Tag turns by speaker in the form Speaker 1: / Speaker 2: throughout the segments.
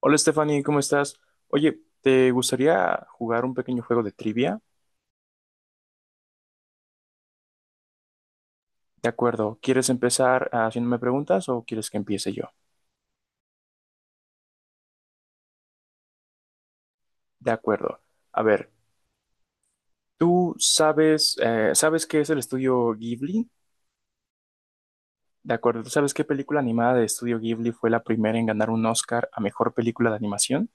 Speaker 1: Hola Stephanie, ¿cómo estás? Oye, ¿te gustaría jugar un pequeño juego de trivia? De acuerdo, ¿quieres empezar haciéndome preguntas o quieres que empiece yo? De acuerdo. A ver, ¿tú sabes, sabes qué es el estudio Ghibli? De acuerdo, ¿tú sabes qué película animada de estudio Ghibli fue la primera en ganar un Oscar a mejor película de animación?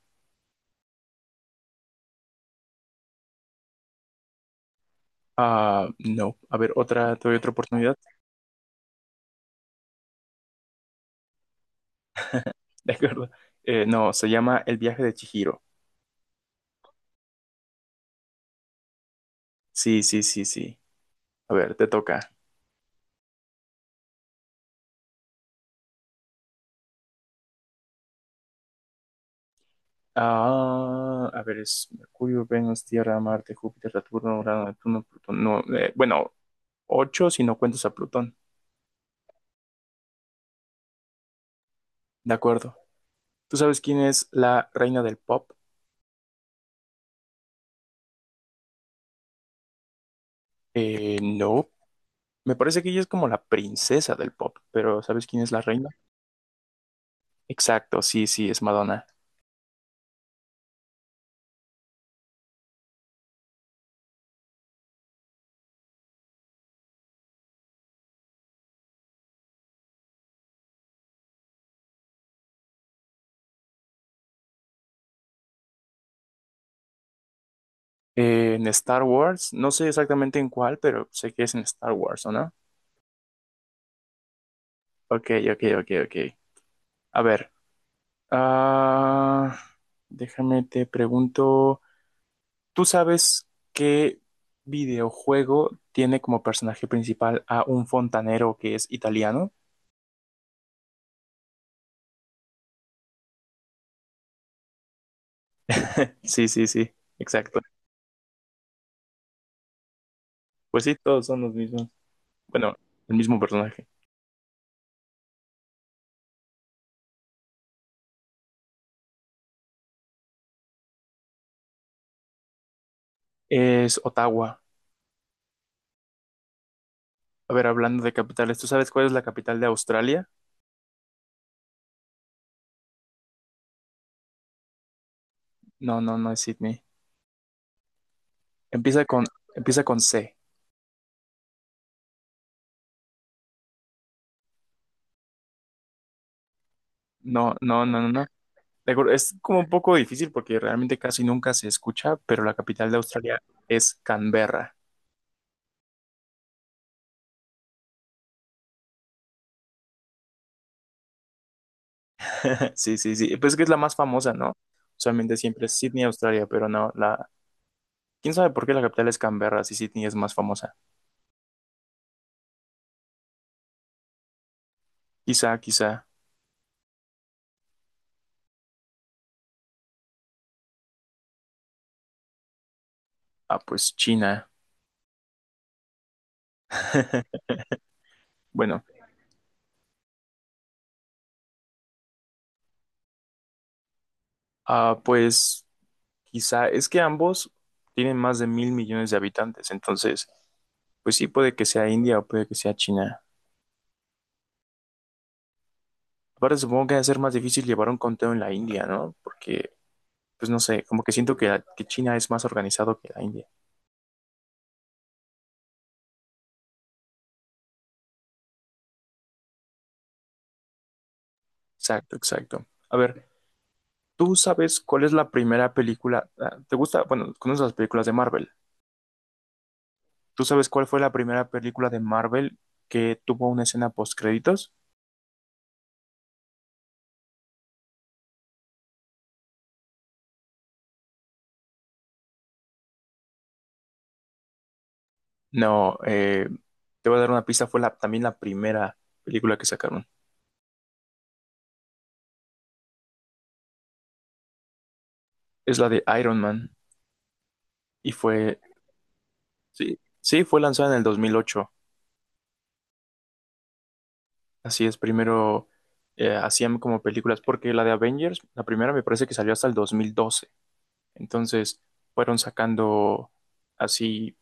Speaker 1: Ah, no. A ver, otra, te doy otra oportunidad. De acuerdo. No, se llama El viaje de Chihiro. Sí, sí, sí, sí. A ver, te toca. Ah, a ver, es Mercurio, Venus, Tierra, Marte, Júpiter, Saturno, Urano, Neptuno, Plutón. No, bueno, ocho si no cuentas a Plutón. De acuerdo. ¿Tú sabes quién es la reina del pop? No. Me parece que ella es como la princesa del pop, pero ¿sabes quién es la reina? Exacto, sí, sí, es Madonna. En Star Wars, no sé exactamente en cuál, pero sé que es en Star Wars, ¿o no? Ok, ok, ok, ok. A ver, ah, déjame te pregunto. ¿Tú sabes qué videojuego tiene como personaje principal a un fontanero que es italiano? Sí, sí, sí, exacto. Pues sí, todos son los mismos. Bueno, el mismo personaje. Es Ottawa. A ver, hablando de capitales, ¿tú sabes cuál es la capital de Australia? No, no, no es Sydney. Empieza con, empieza con C. No, no, no, no, no. De acuerdo, es como un poco difícil porque realmente casi nunca se escucha, pero la capital de Australia es Canberra. Sí, sí, sí. Pues es que es la más famosa, ¿no? Usualmente siempre es Sydney, Australia, pero no, la ¿quién sabe por qué la capital es Canberra si Sydney es más famosa? Quizá, quizá. Ah, pues China. Bueno, ah, pues quizá. Es que ambos tienen más de 1.000 millones de habitantes, entonces, pues sí, puede que sea India o puede que sea China. Aparte, supongo que va a ser más difícil llevar un conteo en la India, ¿no? Porque, pues no sé, como que siento que China es más organizado que la India. Exacto, exacto. A ver, ¿tú sabes cuál es la primera película? Ah, ¿te gusta? Bueno, conoces las películas de Marvel. ¿Tú sabes cuál fue la primera película de Marvel que tuvo una escena post créditos? No, te voy a dar una pista. Fue la, también la primera película que sacaron. Es la de Iron Man y fue, sí, sí, fue lanzada en el 2008. Así es, primero hacían como películas porque la de Avengers, la primera me parece que salió hasta el 2012. Entonces fueron sacando así.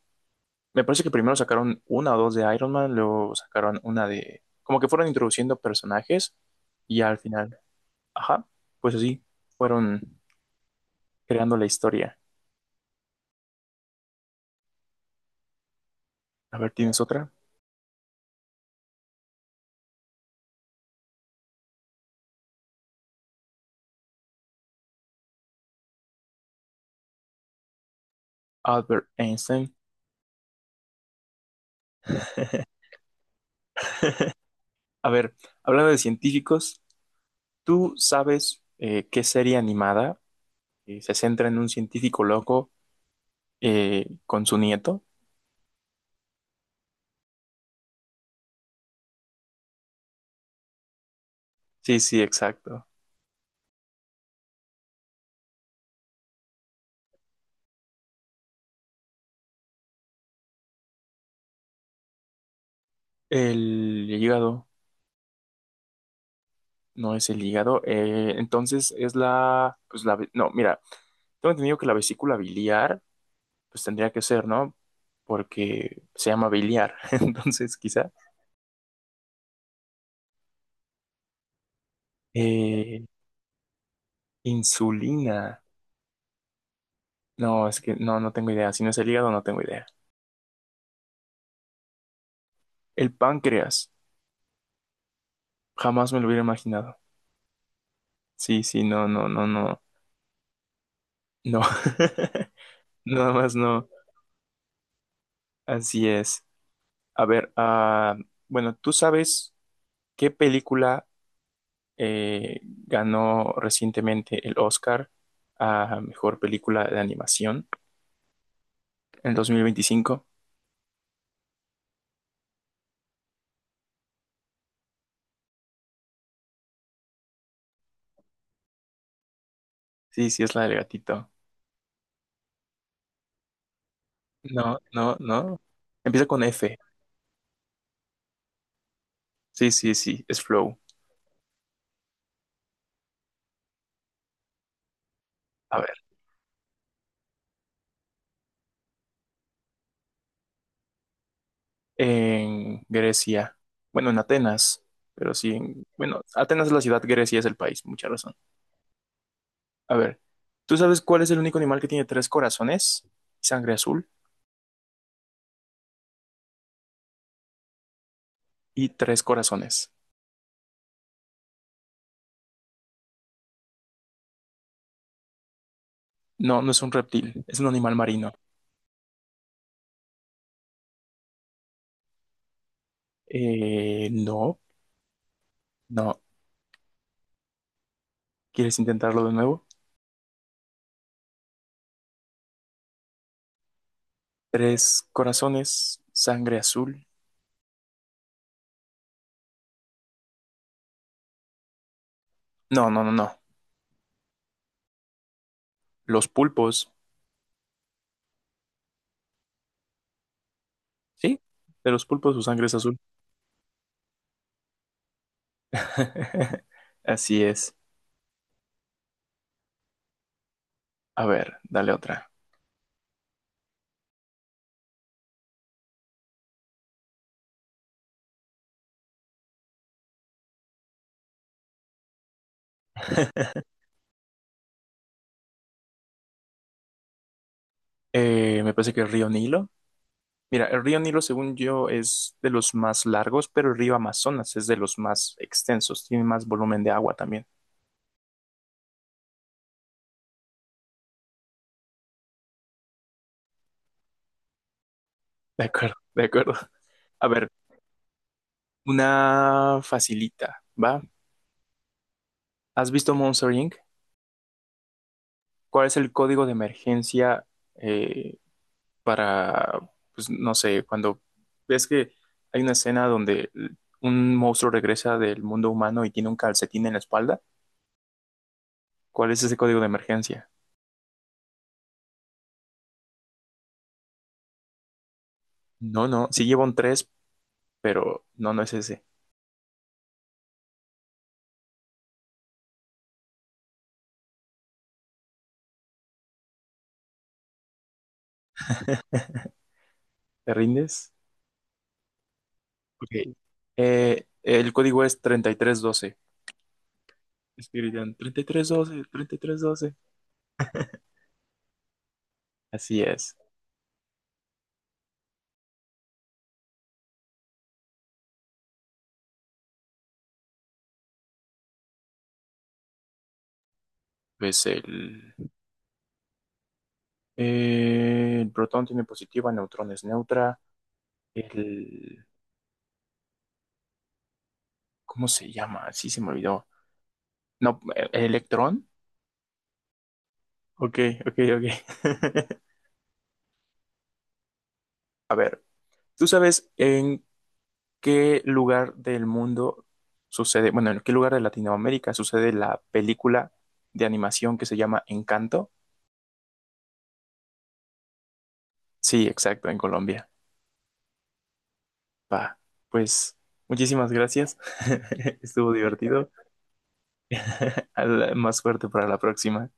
Speaker 1: Me parece que primero sacaron una o dos de Iron Man, luego sacaron una de… Como que fueron introduciendo personajes y al final, ajá, pues así, fueron creando la historia. A ver, ¿tienes otra? Albert Einstein. A ver, hablando de científicos, ¿tú sabes qué serie animada se centra en un científico loco con su nieto? Sí, sí, exacto. El hígado, no es el hígado. Entonces es la, pues la, no, mira, tengo entendido que la vesícula biliar, pues tendría que ser, ¿no? Porque se llama biliar. Entonces, quizá. Eh, insulina. No, es que no, no tengo idea. Si no es el hígado, no tengo idea. El páncreas. Jamás me lo hubiera imaginado. Sí, sí, no, no, no, no. No. Nada más no. Así es. A ver, ah, bueno, ¿tú sabes qué película ganó recientemente el Oscar a mejor película de animación en el 2025? Sí, sí, es la del gatito. No, no, no. Empieza con F. Sí, sí, sí, es Flow. A ver, en Grecia. Bueno, en Atenas, pero sí, bueno, Atenas es la ciudad, Grecia es el país, mucha razón. A ver, ¿tú sabes cuál es el único animal que tiene tres corazones, sangre azul y tres corazones? No, no es un reptil, es un animal marino. No, no. ¿Quieres intentarlo de nuevo? Tres corazones, sangre azul. No, no, no, no. Los pulpos, ¿sí? De los pulpos su sangre es azul. Así es. A ver, dale otra. Me parece que el río Nilo. Mira, el río Nilo, según yo, es de los más largos, pero el río Amazonas es de los más extensos, tiene más volumen de agua también. De acuerdo, de acuerdo. A ver, una facilita, ¿va? ¿Has visto Monster Inc? ¿Cuál es el código de emergencia eh, para, pues no sé, cuando ves que hay una escena donde un monstruo regresa del mundo humano y tiene un calcetín en la espalda, cuál es ese código de emergencia? No, no, sí lleva un tres, pero no, no es ese. ¿Te rindes? Ok. El código es 3312. Escribirán treinta y tres doce, treinta y tres doce. Así es. Pues el protón tiene positiva, neutrón es neutra. El, ¿cómo se llama? Sí, se me olvidó. No, ¿electrón? Ok, ok, ok. A ver, ¿tú sabes en qué lugar del mundo sucede, bueno, en qué lugar de Latinoamérica sucede la película de animación que se llama Encanto? Sí, exacto, en Colombia. Pa, pues muchísimas gracias. Estuvo divertido. Al- más suerte para la próxima.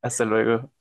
Speaker 1: Hasta luego.